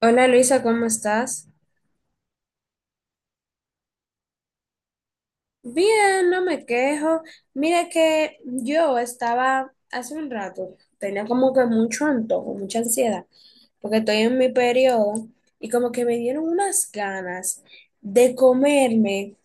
Hola Luisa, ¿cómo estás? Bien, no me quejo. Mira que yo estaba hace un rato, tenía como que mucho antojo, mucha ansiedad, porque estoy en mi periodo y como que me dieron unas ganas de comerme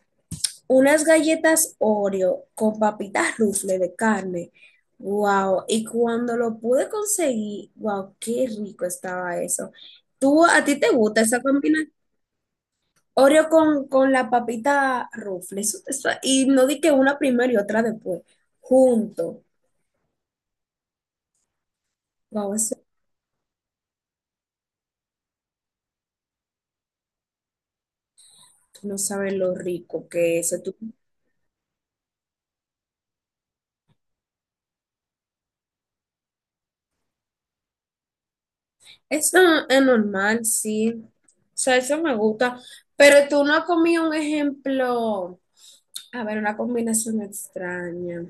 unas galletas Oreo con papitas rufle de carne. Wow, y cuando lo pude conseguir, wow, qué rico estaba eso. ¿Tú a ti te gusta esa combinación? Oreo con la papita Ruffles. Eso- Y no di que una primero y otra después. Junto. Wow, eso tú no sabes lo rico que es. Tú- eso es normal, sí. O sea, eso me gusta. Pero tú no has comido un ejemplo. A ver, una combinación extraña.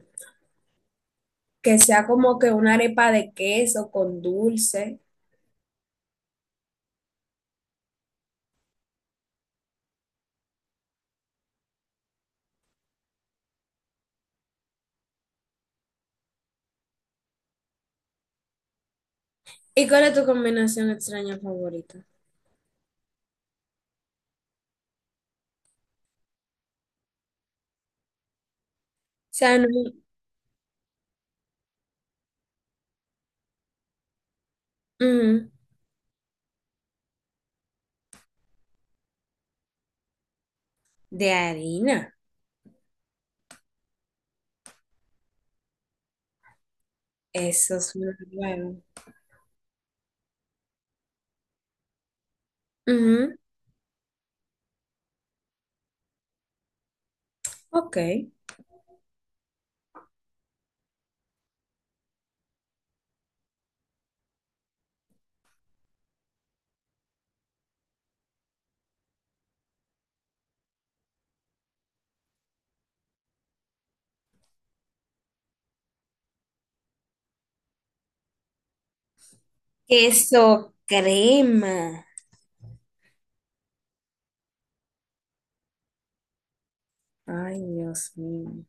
Que sea como que una arepa de queso con dulce. ¿Y cuál es tu combinación extraña favorita? O sea, no- ujú. De harina. Eso es muy bueno. Ujú. Ok. Queso crema. Ay, Dios mío.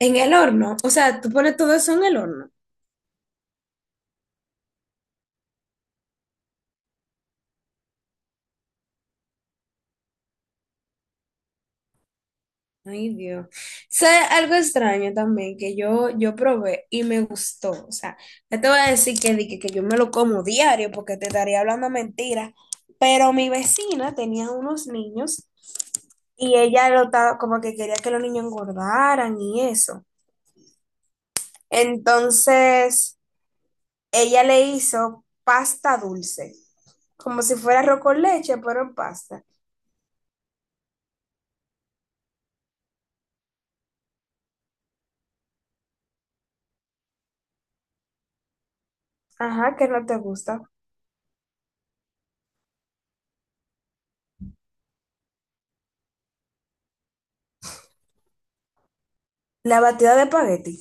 En el horno. O sea, tú pones todo eso en el horno. Ay, Dios. ¿Sé algo extraño también que yo probé y me gustó? O sea, no te voy a decir que, di que yo me lo como diario porque te estaría hablando mentira, pero mi vecina tenía unos niños y ella lo estaba como que quería que los niños engordaran y eso. Entonces, ella le hizo pasta dulce. Como si fuera arroz con leche, pero en pasta. Ajá, que no te gusta. La batida de espagueti.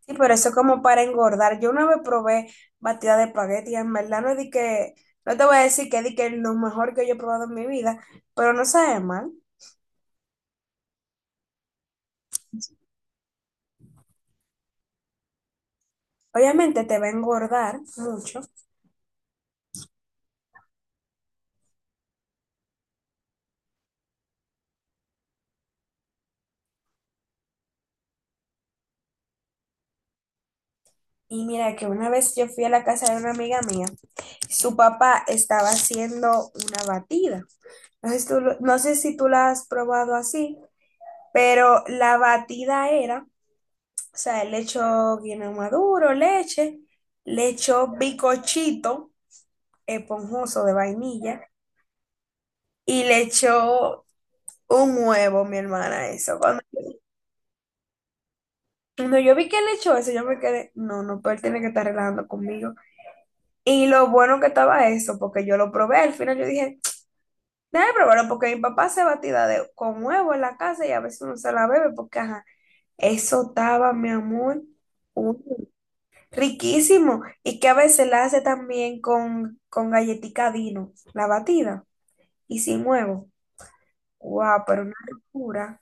Sí, pero eso es como para engordar. Yo una vez probé batida de espagueti, y en verdad no di que, no te voy a decir que di que es lo mejor que yo he probado en mi vida, pero no sabe mal. Obviamente te va a engordar mucho. Y mira que una vez yo fui a la casa de una amiga mía, su papá estaba haciendo una batida. No sé si tú lo- no sé si tú la has probado así, pero la batida era. O sea, él le echó guineo maduro, leche, le echó bicochito esponjoso de vainilla y le echó un huevo, mi hermana, eso. Cuando, cuando yo vi que le echó eso, yo me quedé, no, no, pero él tiene que estar relajando conmigo. Y lo bueno que estaba eso, porque yo lo probé, al final yo dije, déjame probarlo, porque mi papá hace batida de, con huevo en la casa y a veces uno se la bebe, porque ajá, eso estaba, mi amor, un. Riquísimo. Y que a veces la hace también con galletica Dino, la batida, y sin huevo. Wow, pero una locura.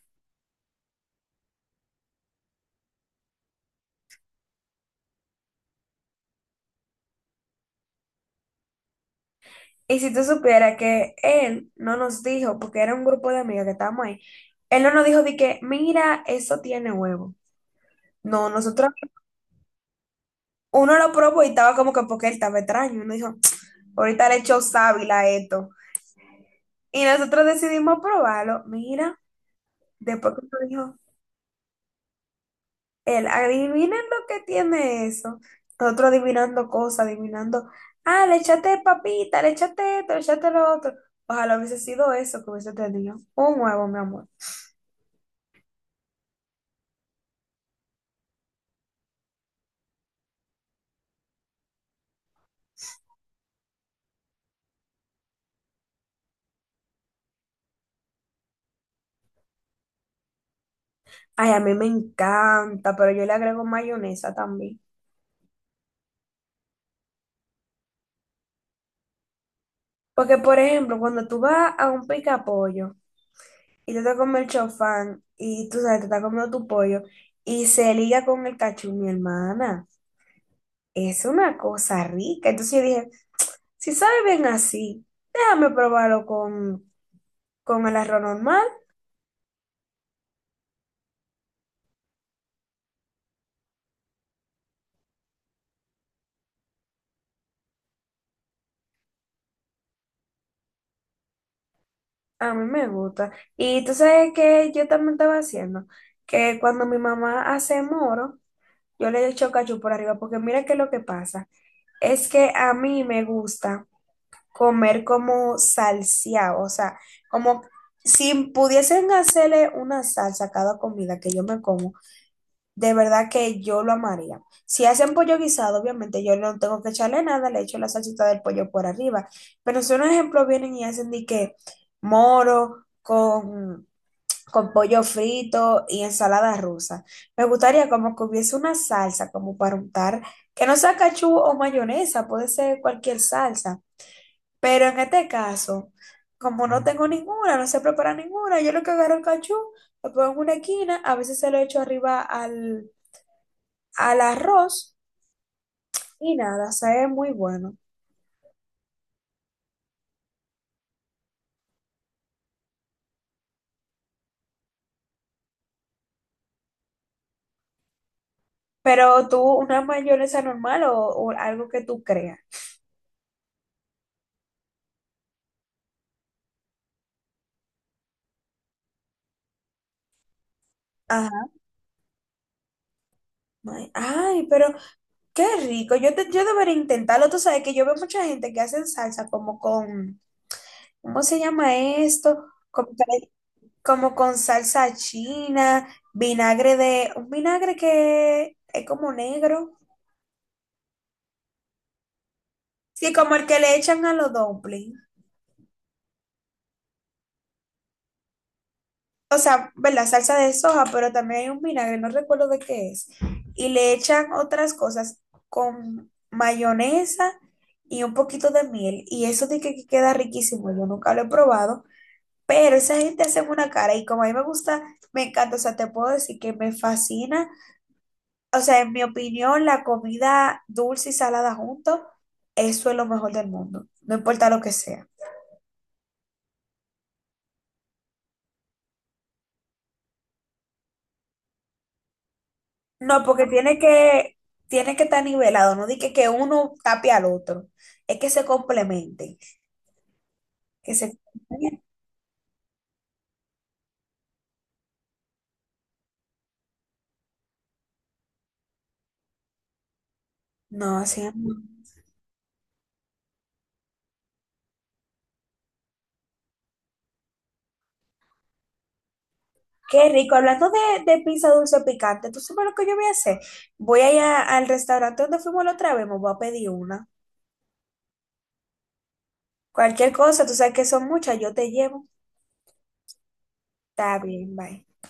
Y si tú supieras que él no nos dijo, porque era un grupo de amigas que estábamos ahí, él no nos dijo de que, mira, eso tiene huevo. No, nosotros, uno lo probó y estaba como que porque él estaba extraño. Uno dijo, ahorita le echó sábila a esto. Y nosotros decidimos probarlo. Mira, después que nos dijo, él, adivinen lo que tiene eso. Nosotros adivinando cosas, adivinando, ah, le echaste papita, le echaste esto, le echaste lo otro. Ojalá hubiese sido eso que hubiese tenido. Un huevo, mi amor. Ay, a mí me encanta, pero yo le agrego mayonesa también. Porque, por ejemplo, cuando tú vas a un pica pollo y te comes el chofán y tú sabes, te estás comiendo tu pollo y se liga con el cachú, mi hermana, es una cosa rica. Entonces yo dije, si sabe bien así, déjame probarlo con el arroz normal, a mí me gusta. Y tú sabes que yo también estaba haciendo, que cuando mi mamá hace moro, yo le echo cachú por arriba, porque mira que lo que pasa es que a mí me gusta comer como salseado, o sea, como si pudiesen hacerle una salsa a cada comida que yo me como. De verdad que yo lo amaría. Si hacen pollo guisado, obviamente yo no tengo que echarle nada, le echo la salsita del pollo por arriba. Pero si un ejemplo vienen y hacen de que moro con pollo frito y ensalada rusa. Me gustaría como que hubiese una salsa como para untar, que no sea cachú o mayonesa, puede ser cualquier salsa. Pero en este caso, como no tengo ninguna, no sé preparar ninguna, yo lo que agarro el cachú, lo pongo en una esquina, a veces se lo echo arriba al al arroz y nada, sabe muy bueno. Pero tú, una mayonesa normal o algo que tú creas. Ajá. Ay, ay, pero qué rico. Yo, te- yo debería intentarlo. Tú sabes que yo veo mucha gente que hacen salsa como con, ¿cómo se llama esto? Como, que- como con salsa china, vinagre de, un vinagre que es como negro. Sí, como el que le echan a los dumplings. O sea, ¿verdad? Salsa de soja, pero también hay un vinagre, no recuerdo de qué es. Y le echan otras cosas con mayonesa y un poquito de miel. Y eso de que queda riquísimo, yo nunca lo he probado, pero esa gente hace una cara y como a mí me gusta, me encanta, o sea, te puedo decir que me fascina. O sea, en mi opinión, la comida dulce y salada junto, eso es lo mejor del mundo, no importa lo que sea. No, porque tiene que estar nivelado, no di que uno tape al otro, es que se complementen, que se complementen. No, así es. Qué rico. Hablando de pizza dulce picante, ¿tú sabes lo que yo voy a hacer? Voy a ir a- al restaurante donde fuimos la otra vez, me voy a pedir una. Cualquier cosa, tú sabes que son muchas, yo te llevo. Está bien, bye.